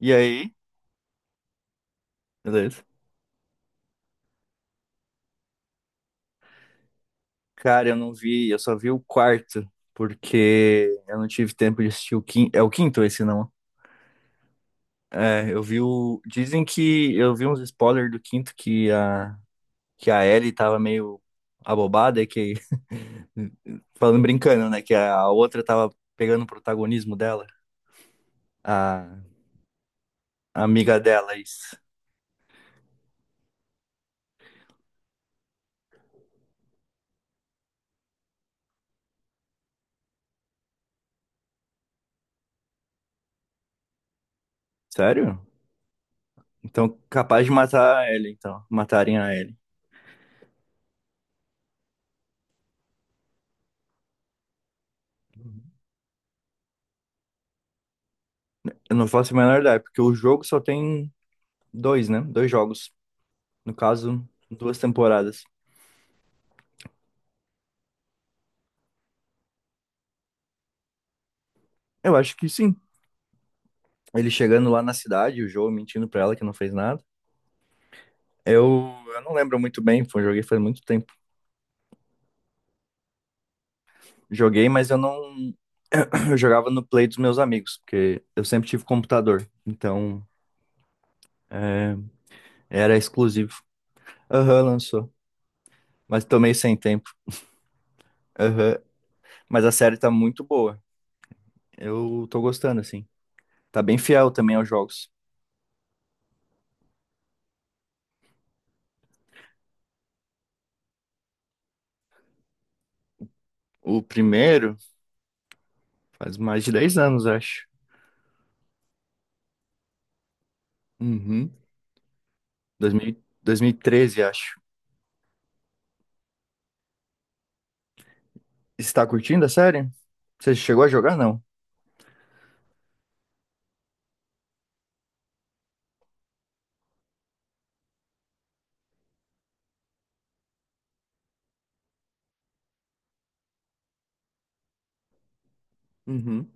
E aí? Beleza. Cara, eu não vi, eu só vi o quarto, porque eu não tive tempo de assistir o quinto. É o quinto esse, não? É, eu vi o. Dizem que eu vi uns spoilers do quinto que a Ellie tava meio abobada, e que. Falando brincando, né? Que a outra tava pegando o protagonismo dela, a, a amiga dela, é isso. Sério? Então, capaz de matar a Ellie, então. Matarem a Ellie. Eu não faço a menor ideia, porque o jogo só tem dois, né? Dois jogos. No caso, duas temporadas. Eu acho que sim. Ele chegando lá na cidade, o Joe mentindo pra ela que não fez nada. Eu, eu não lembro muito bem, foi, joguei faz muito tempo. Joguei, mas eu não. Eu jogava no Play dos meus amigos, porque eu sempre tive computador. Então, é, era exclusivo. Aham, lançou. Mas tomei sem tempo. Aham. Mas a série tá muito boa. Eu tô gostando, assim. Tá bem fiel também aos jogos. O primeiro faz mais de 10 anos, acho. Uhum. dois mil, dois mil e treze acho. Está curtindo a série? Você chegou a jogar? Não. Uhum.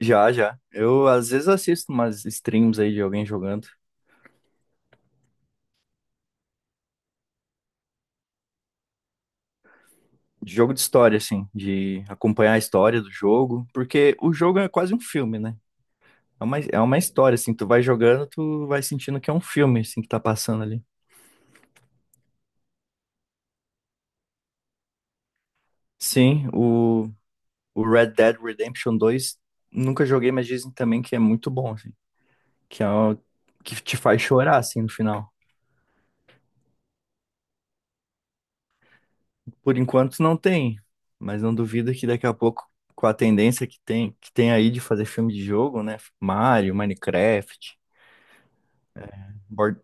Já, já. Eu às vezes assisto umas streams aí de alguém jogando. De jogo de história, assim, de acompanhar a história do jogo, porque o jogo é quase um filme, né? É uma história, assim, tu vai jogando, tu vai sentindo que é um filme, assim, que tá passando ali. Sim, o Red Dead Redemption 2 nunca joguei, mas dizem também que é muito bom, assim, que é o, que te faz chorar, assim, no final. Por enquanto não tem, mas não duvido que daqui a pouco, com a tendência que tem aí de fazer filme de jogo, né? Mario, Minecraft, Bor-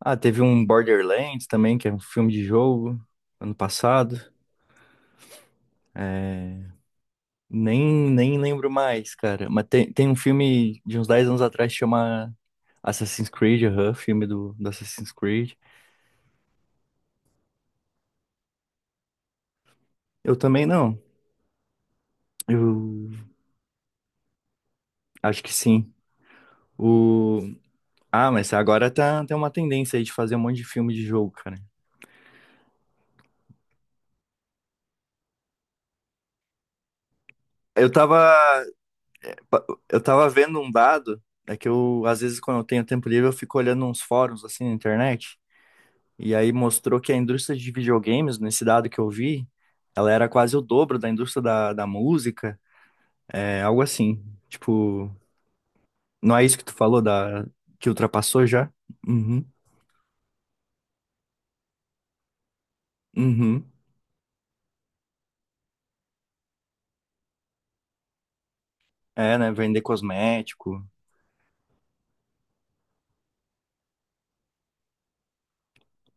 Ah, teve um Borderlands também, que é um filme de jogo, ano passado. Nem lembro mais, cara. Mas tem um filme de uns 10 anos atrás que chama Assassin's Creed, aham, filme do Assassin's Creed. Eu também não. Eu acho que sim. O... Ah, mas agora tá, tem uma tendência aí de fazer um monte de filme de jogo, cara. Eu tava, eu tava vendo um dado, é que eu, às vezes, quando eu tenho tempo livre, eu fico olhando uns fóruns, assim, na internet, e aí mostrou que a indústria de videogames, nesse dado que eu vi, ela era quase o dobro da indústria da música, é algo assim, tipo, não é isso que tu falou, que ultrapassou já? Uhum, uhum, é, né, vender cosmético,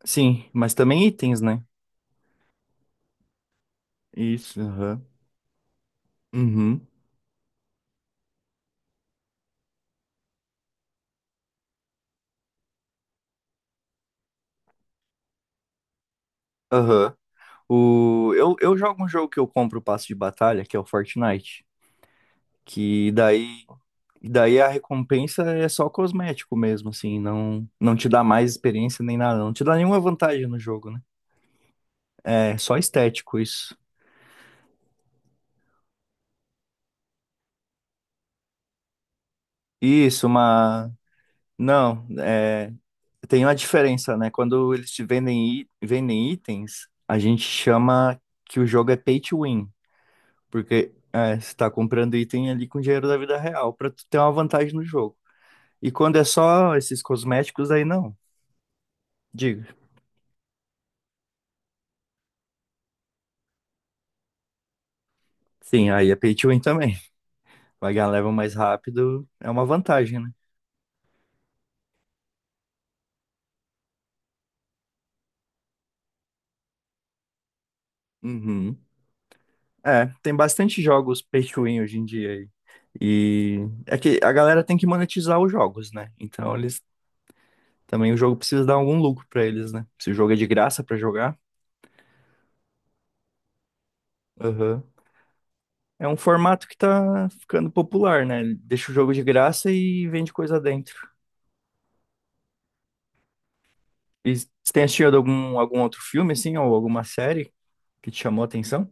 sim, mas também itens, né? Isso, aham, uhum, aham. Eu jogo um jogo que eu compro o passe de batalha, que é o Fortnite. Que daí a recompensa é só cosmético mesmo, assim, não te dá mais experiência nem nada, não te dá nenhuma vantagem no jogo, né? É só estético isso. Isso, mas não. Tem uma diferença, né? Quando eles te vendem, vendem itens, a gente chama que o jogo é pay to win, porque você tá comprando item ali com dinheiro da vida real pra tu ter uma vantagem no jogo. E quando é só esses cosméticos, aí não. Digo. Sim, aí é pay to win também. Pagar a level mais rápido é uma vantagem, né? Uhum. É, tem bastante jogos pay to win hoje em dia aí. E é que a galera tem que monetizar os jogos, né? Então eles também o jogo precisa dar algum lucro pra eles, né? Se o jogo é de graça pra jogar. Aham. É um formato que tá ficando popular, né? Ele deixa o jogo de graça e vende coisa dentro. E você tem assistido algum outro filme assim ou alguma série que te chamou a atenção?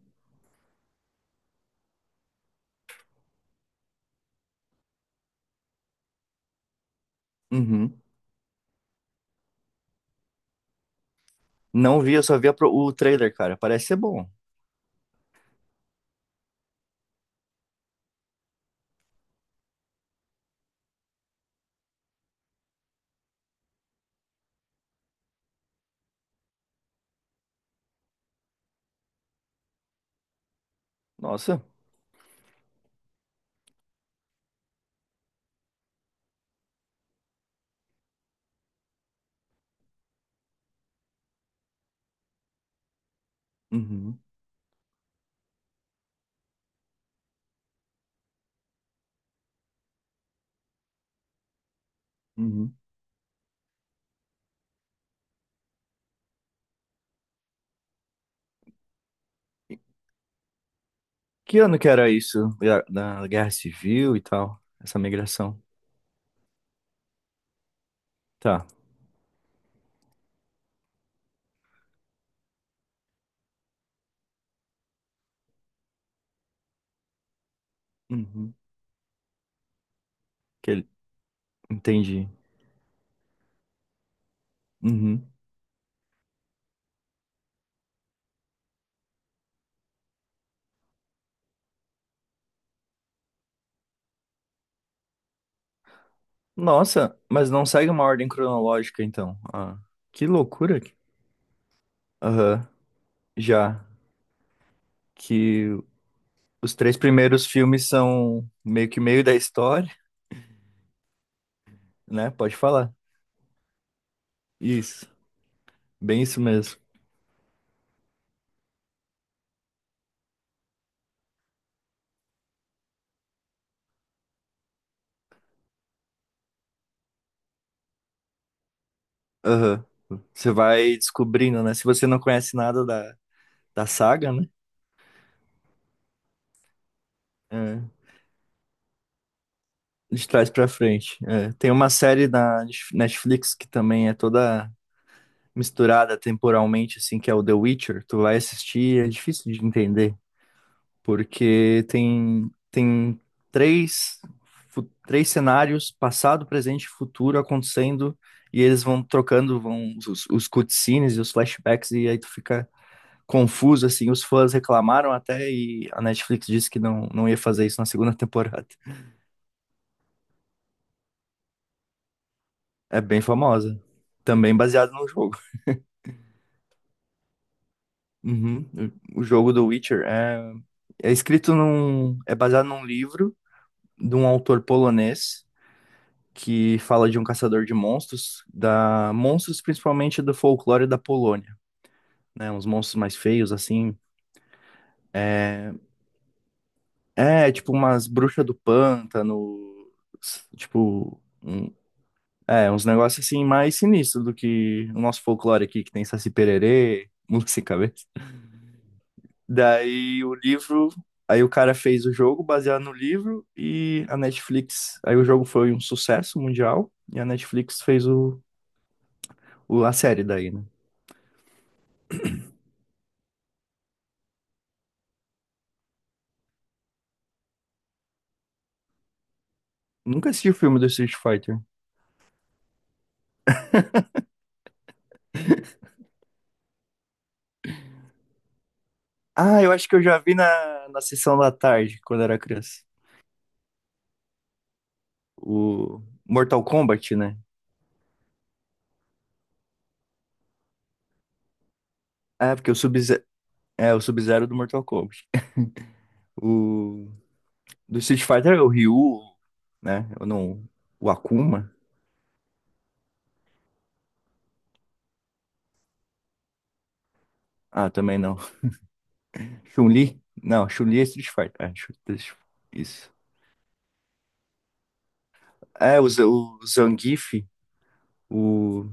Uhum. Não vi, eu só vi o trailer, cara. Parece ser bom. Nossa. Uhum. Uhum. E que ano que era isso? Da Guerra Civil e tal? Essa migração. Tá. Uhum. Que ele- Entendi. Uhum. Nossa, mas não segue uma ordem cronológica, então. Ah, que loucura. Aham. Já. Que os três primeiros filmes são meio que meio da história, né? Pode falar. Isso. Bem isso mesmo. Aham. Você vai descobrindo, né? Se você não conhece nada da saga, né? É, de trás pra frente. É, tem uma série da Netflix que também é toda misturada temporalmente, assim, que é o The Witcher. Tu vai assistir, é difícil de entender, porque tem três, três cenários, passado, presente e futuro, acontecendo, e eles vão trocando, vão os cutscenes e os flashbacks, e aí tu fica confuso, assim, os fãs reclamaram até e a Netflix disse que não ia fazer isso na segunda temporada. É bem famosa. Também baseado no jogo. Uhum. O jogo do Witcher é, é escrito num. É baseado num livro de um autor polonês que fala de um caçador de monstros, da monstros principalmente do folclore da Polônia, né? Uns monstros mais feios, assim. É, tipo umas bruxas do pântano, tipo. É, uns negócios assim mais sinistros do que o nosso folclore aqui, que tem Saci Pererê, Mula Sem Cabeça. Daí o livro, aí o cara fez o jogo baseado no livro e a Netflix, aí o jogo foi um sucesso mundial e a Netflix fez a série daí, né? Nunca assisti o filme do Street Fighter. Ah, eu acho que eu já vi na sessão da tarde, quando era criança. O Mortal Kombat, né? É, porque o Sub-Zero, o Sub-Zero do Mortal Kombat. O do Street Fighter é o Ryu, né? Eu não. O Akuma? Ah, também não. Chun-Li? Não, Chun-Li é Street Fighter. É, isso. É, o, Z- o,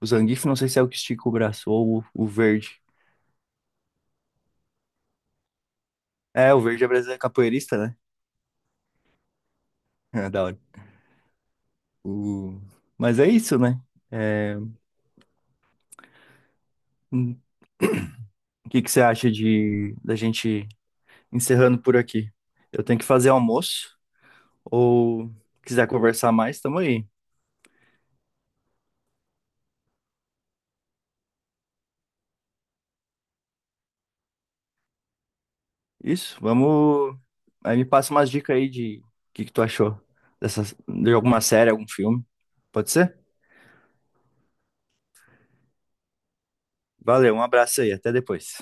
o Zangief, não sei se é o que estica o braço ou o verde. É, o verde é brasileiro é capoeirista, né? É, da hora. O, mas é isso, né? Hum, O que que você acha de da gente encerrando por aqui? Eu tenho que fazer almoço ou quiser conversar mais, tamo aí. Isso, vamos. Aí me passa umas dicas aí de o que que tu achou dessas, de alguma série, algum filme. Pode ser? Valeu, um abraço aí, até depois.